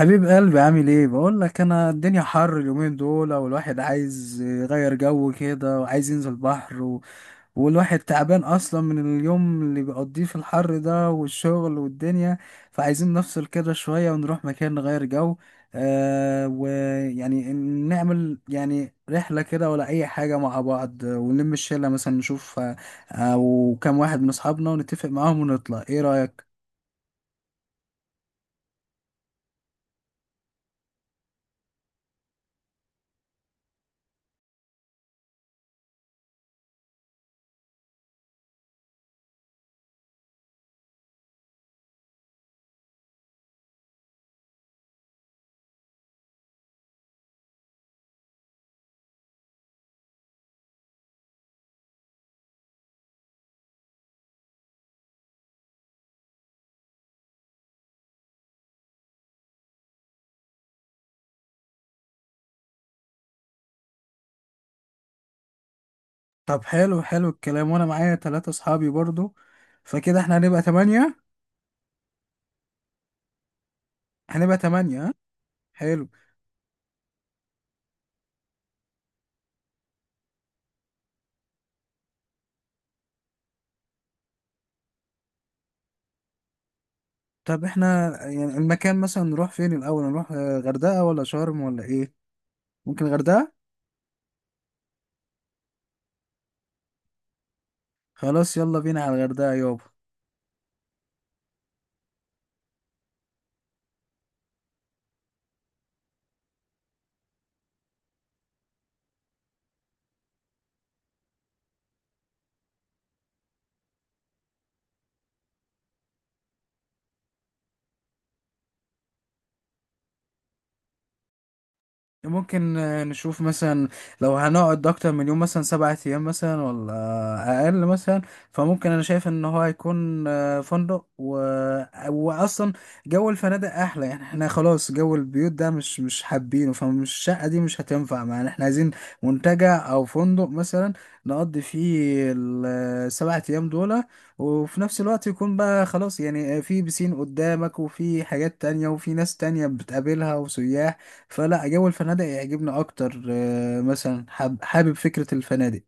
حبيب قلبي، عامل ايه؟ بقول لك، انا الدنيا حر اليومين دول، والواحد عايز يغير جو كده وعايز ينزل بحر والواحد تعبان اصلا من اليوم اللي بيقضيه في الحر ده والشغل والدنيا. فعايزين نفصل كده شوية ونروح مكان نغير جو. ويعني نعمل يعني رحلة كده ولا اي حاجة مع بعض، ونلم الشلة مثلا نشوف، او كام واحد من اصحابنا ونتفق معاهم ونطلع. ايه رأيك؟ طب حلو حلو الكلام، وانا معايا ثلاثة اصحابي برضو، فكده احنا هنبقى تمانية. هنبقى تمانية، ها؟ حلو. طب احنا يعني المكان مثلا نروح فين الاول؟ نروح غردقة ولا شرم ولا ايه؟ ممكن غردقة. خلاص، يلا بينا على الغردقة يابا. ممكن نشوف مثلا لو هنقعد اكتر من يوم، مثلا 7 ايام مثلا ولا اقل مثلا. فممكن انا شايف ان هو هيكون فندق واصلا جو الفنادق احلى. يعني احنا خلاص جو البيوت ده مش حابينه، فمش الشقة دي مش هتنفع معانا. احنا عايزين منتجع او فندق مثلا نقضي فيه السبعة ايام دول، وفي نفس الوقت يكون بقى خلاص يعني في بسين قدامك وفي حاجات تانية وفي ناس تانية بتقابلها وسياح. فلا، جو الفنادق يعجبني اكتر، مثلا حابب فكرة الفنادق.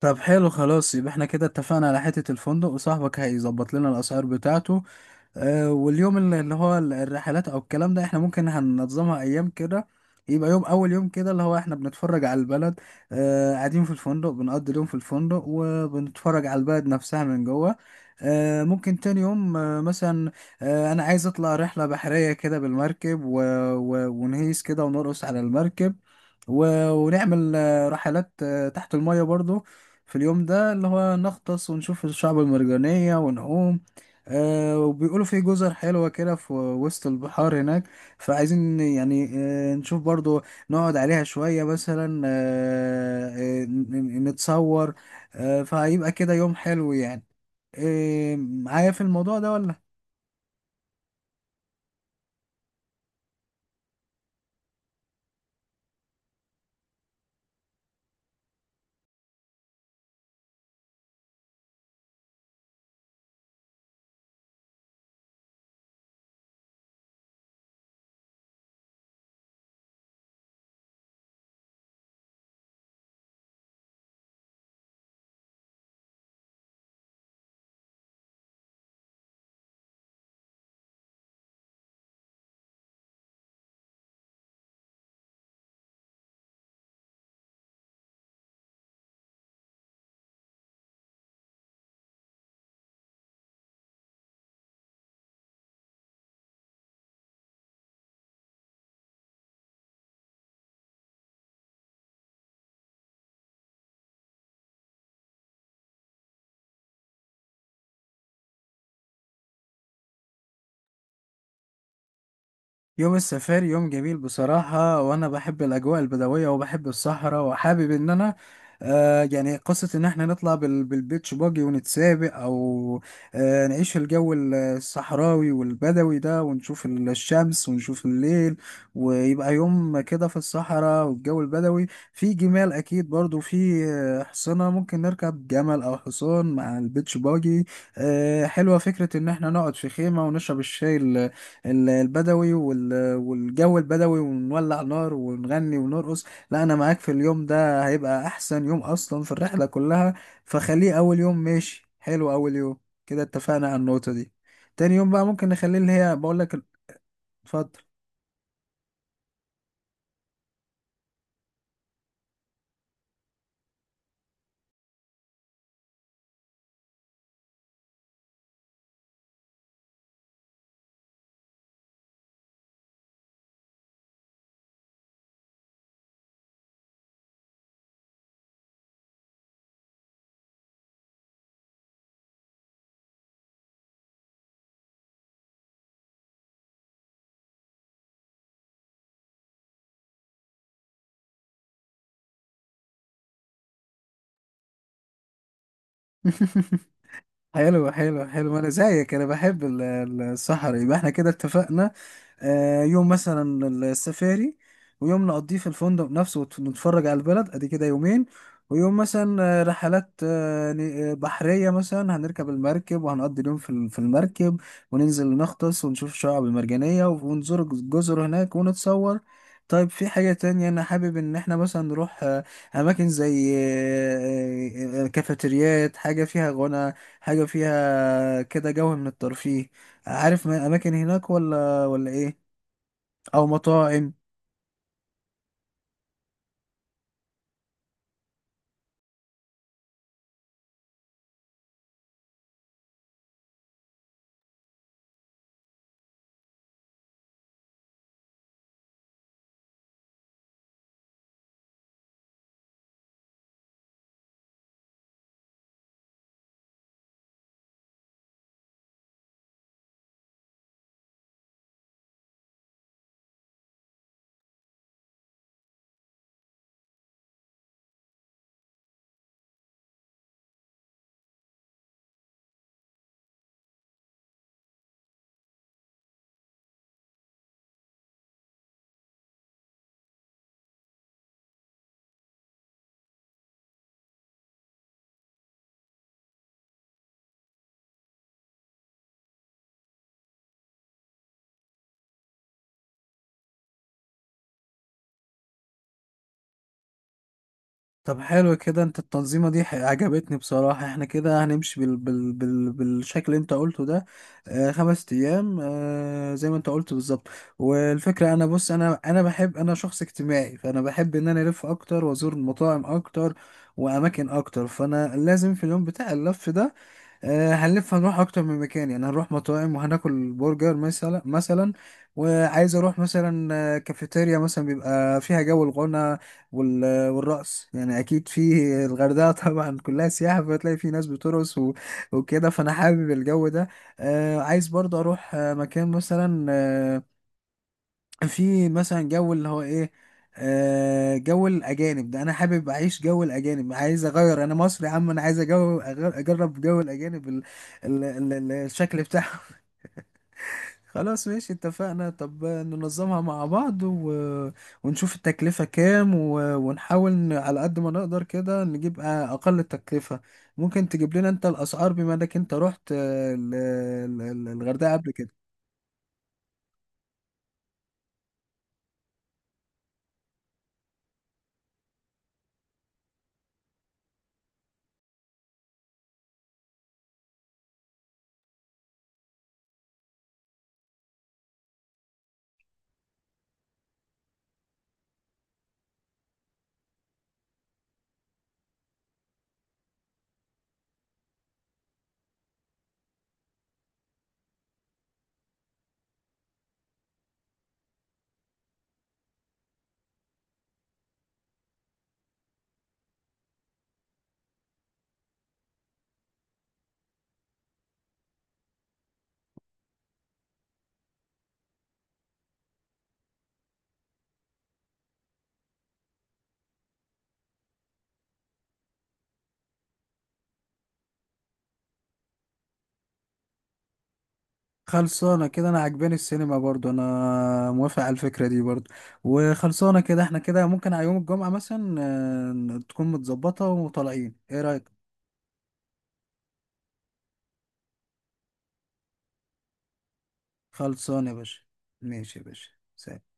طب حلو خلاص، يبقى احنا كده اتفقنا على حتة الفندق وصاحبك هيظبط لنا الاسعار بتاعته. واليوم اللي هو الرحلات او الكلام ده احنا ممكن هننظمها ايام كده. يبقى يوم، اول يوم كده اللي هو احنا بنتفرج على البلد، قاعدين في الفندق بنقضي اليوم في الفندق وبنتفرج على البلد نفسها من جوه. ممكن تاني يوم مثلا، انا عايز اطلع رحلة بحرية كده بالمركب، ونهيس كده ونرقص على المركب، ونعمل رحلات تحت المية برضو في اليوم ده اللي هو نغطس ونشوف الشعب المرجانية ونعوم. وبيقولوا في جزر حلوة كده في وسط البحار هناك. فعايزين يعني نشوف برضو، نقعد عليها شوية مثلا، نتصور. فهيبقى كده يوم حلو. يعني معايا في الموضوع ده ولا؟ يوم السفاري يوم جميل بصراحة، وأنا بحب الأجواء البدوية وبحب الصحراء وحابب إن أنا يعني قصة إن إحنا نطلع بالبيتش باجي ونتسابق، أو نعيش الجو الصحراوي والبدوي ده، ونشوف الشمس ونشوف الليل، ويبقى يوم كده في الصحراء والجو البدوي. في جمال أكيد، برضو في حصنة، ممكن نركب جمل أو حصان مع البيتش باجي. حلوة فكرة إن إحنا نقعد في خيمة ونشرب الشاي البدوي والجو البدوي، ونولع نار ونغني ونرقص. لا، انا معاك. في اليوم ده هيبقى احسن يوم اصلا في الرحلة كلها، فخليه اول يوم. ماشي، حلو اول يوم. كده اتفقنا على النقطة دي. تاني يوم بقى ممكن نخليه اللي هي بقول لك. اتفضل. حلو حلو حلو، انا زيك. انا بحب السحر. يبقى احنا كده اتفقنا، يوم مثلا السفاري، ويوم نقضيه في الفندق نفسه ونتفرج على البلد. ادي كده يومين. ويوم مثلا رحلات بحرية مثلا، هنركب المركب وهنقضي اليوم في في المركب، وننزل نغطس ونشوف الشعاب المرجانية ونزور الجزر هناك ونتصور. طيب، في حاجة تانية أنا حابب إن إحنا مثلا نروح أماكن زي كافيتريات، حاجة فيها غنى، حاجة فيها كده جو من الترفيه. عارف أماكن هناك ولا إيه؟ أو مطاعم؟ طب حلو كده، أنت التنظيمة دي عجبتني بصراحة. إحنا كده هنمشي بالشكل اللي أنت قلته ده. 5 أيام زي ما أنت قلت بالظبط. والفكرة أنا بص، أنا بحب، أنا شخص اجتماعي، فأنا بحب إن أنا ألف أكتر وأزور مطاعم أكتر وأماكن أكتر. فأنا لازم في اليوم بتاع اللف ده هنلف، هنروح اكتر من مكان. يعني هنروح مطاعم وهناكل برجر مثلا وعايز اروح مثلا كافيتيريا مثلا بيبقى فيها جو الغنى والرقص، يعني اكيد في الغردقه طبعا كلها سياحه، فتلاقي في ناس بترقص وكده، فانا حابب الجو ده. عايز برضه اروح مكان مثلا في مثلا جو اللي هو ايه، جو الاجانب ده. انا حابب اعيش جو الاجانب، عايز اغير، انا مصري يا عم، انا عايز اجرب جو الاجانب ال ال ال ال الشكل بتاعهم. خلاص ماشي اتفقنا. طب ننظمها مع بعض ونشوف التكلفة كام، ونحاول على قد ما نقدر كده نجيب اقل التكلفة. ممكن تجيب لنا انت الاسعار بما انك انت رحت الغردقة قبل كده؟ خلصانة كده، أنا عجباني السينما برضو، أنا موافق على الفكرة دي برضو. وخلصانة كده، احنا كده ممكن على يوم الجمعة مثلا تكون متظبطة وطالعين. ايه رأيك؟ خلصانة يا باشا. ماشي يا باشا. سلام.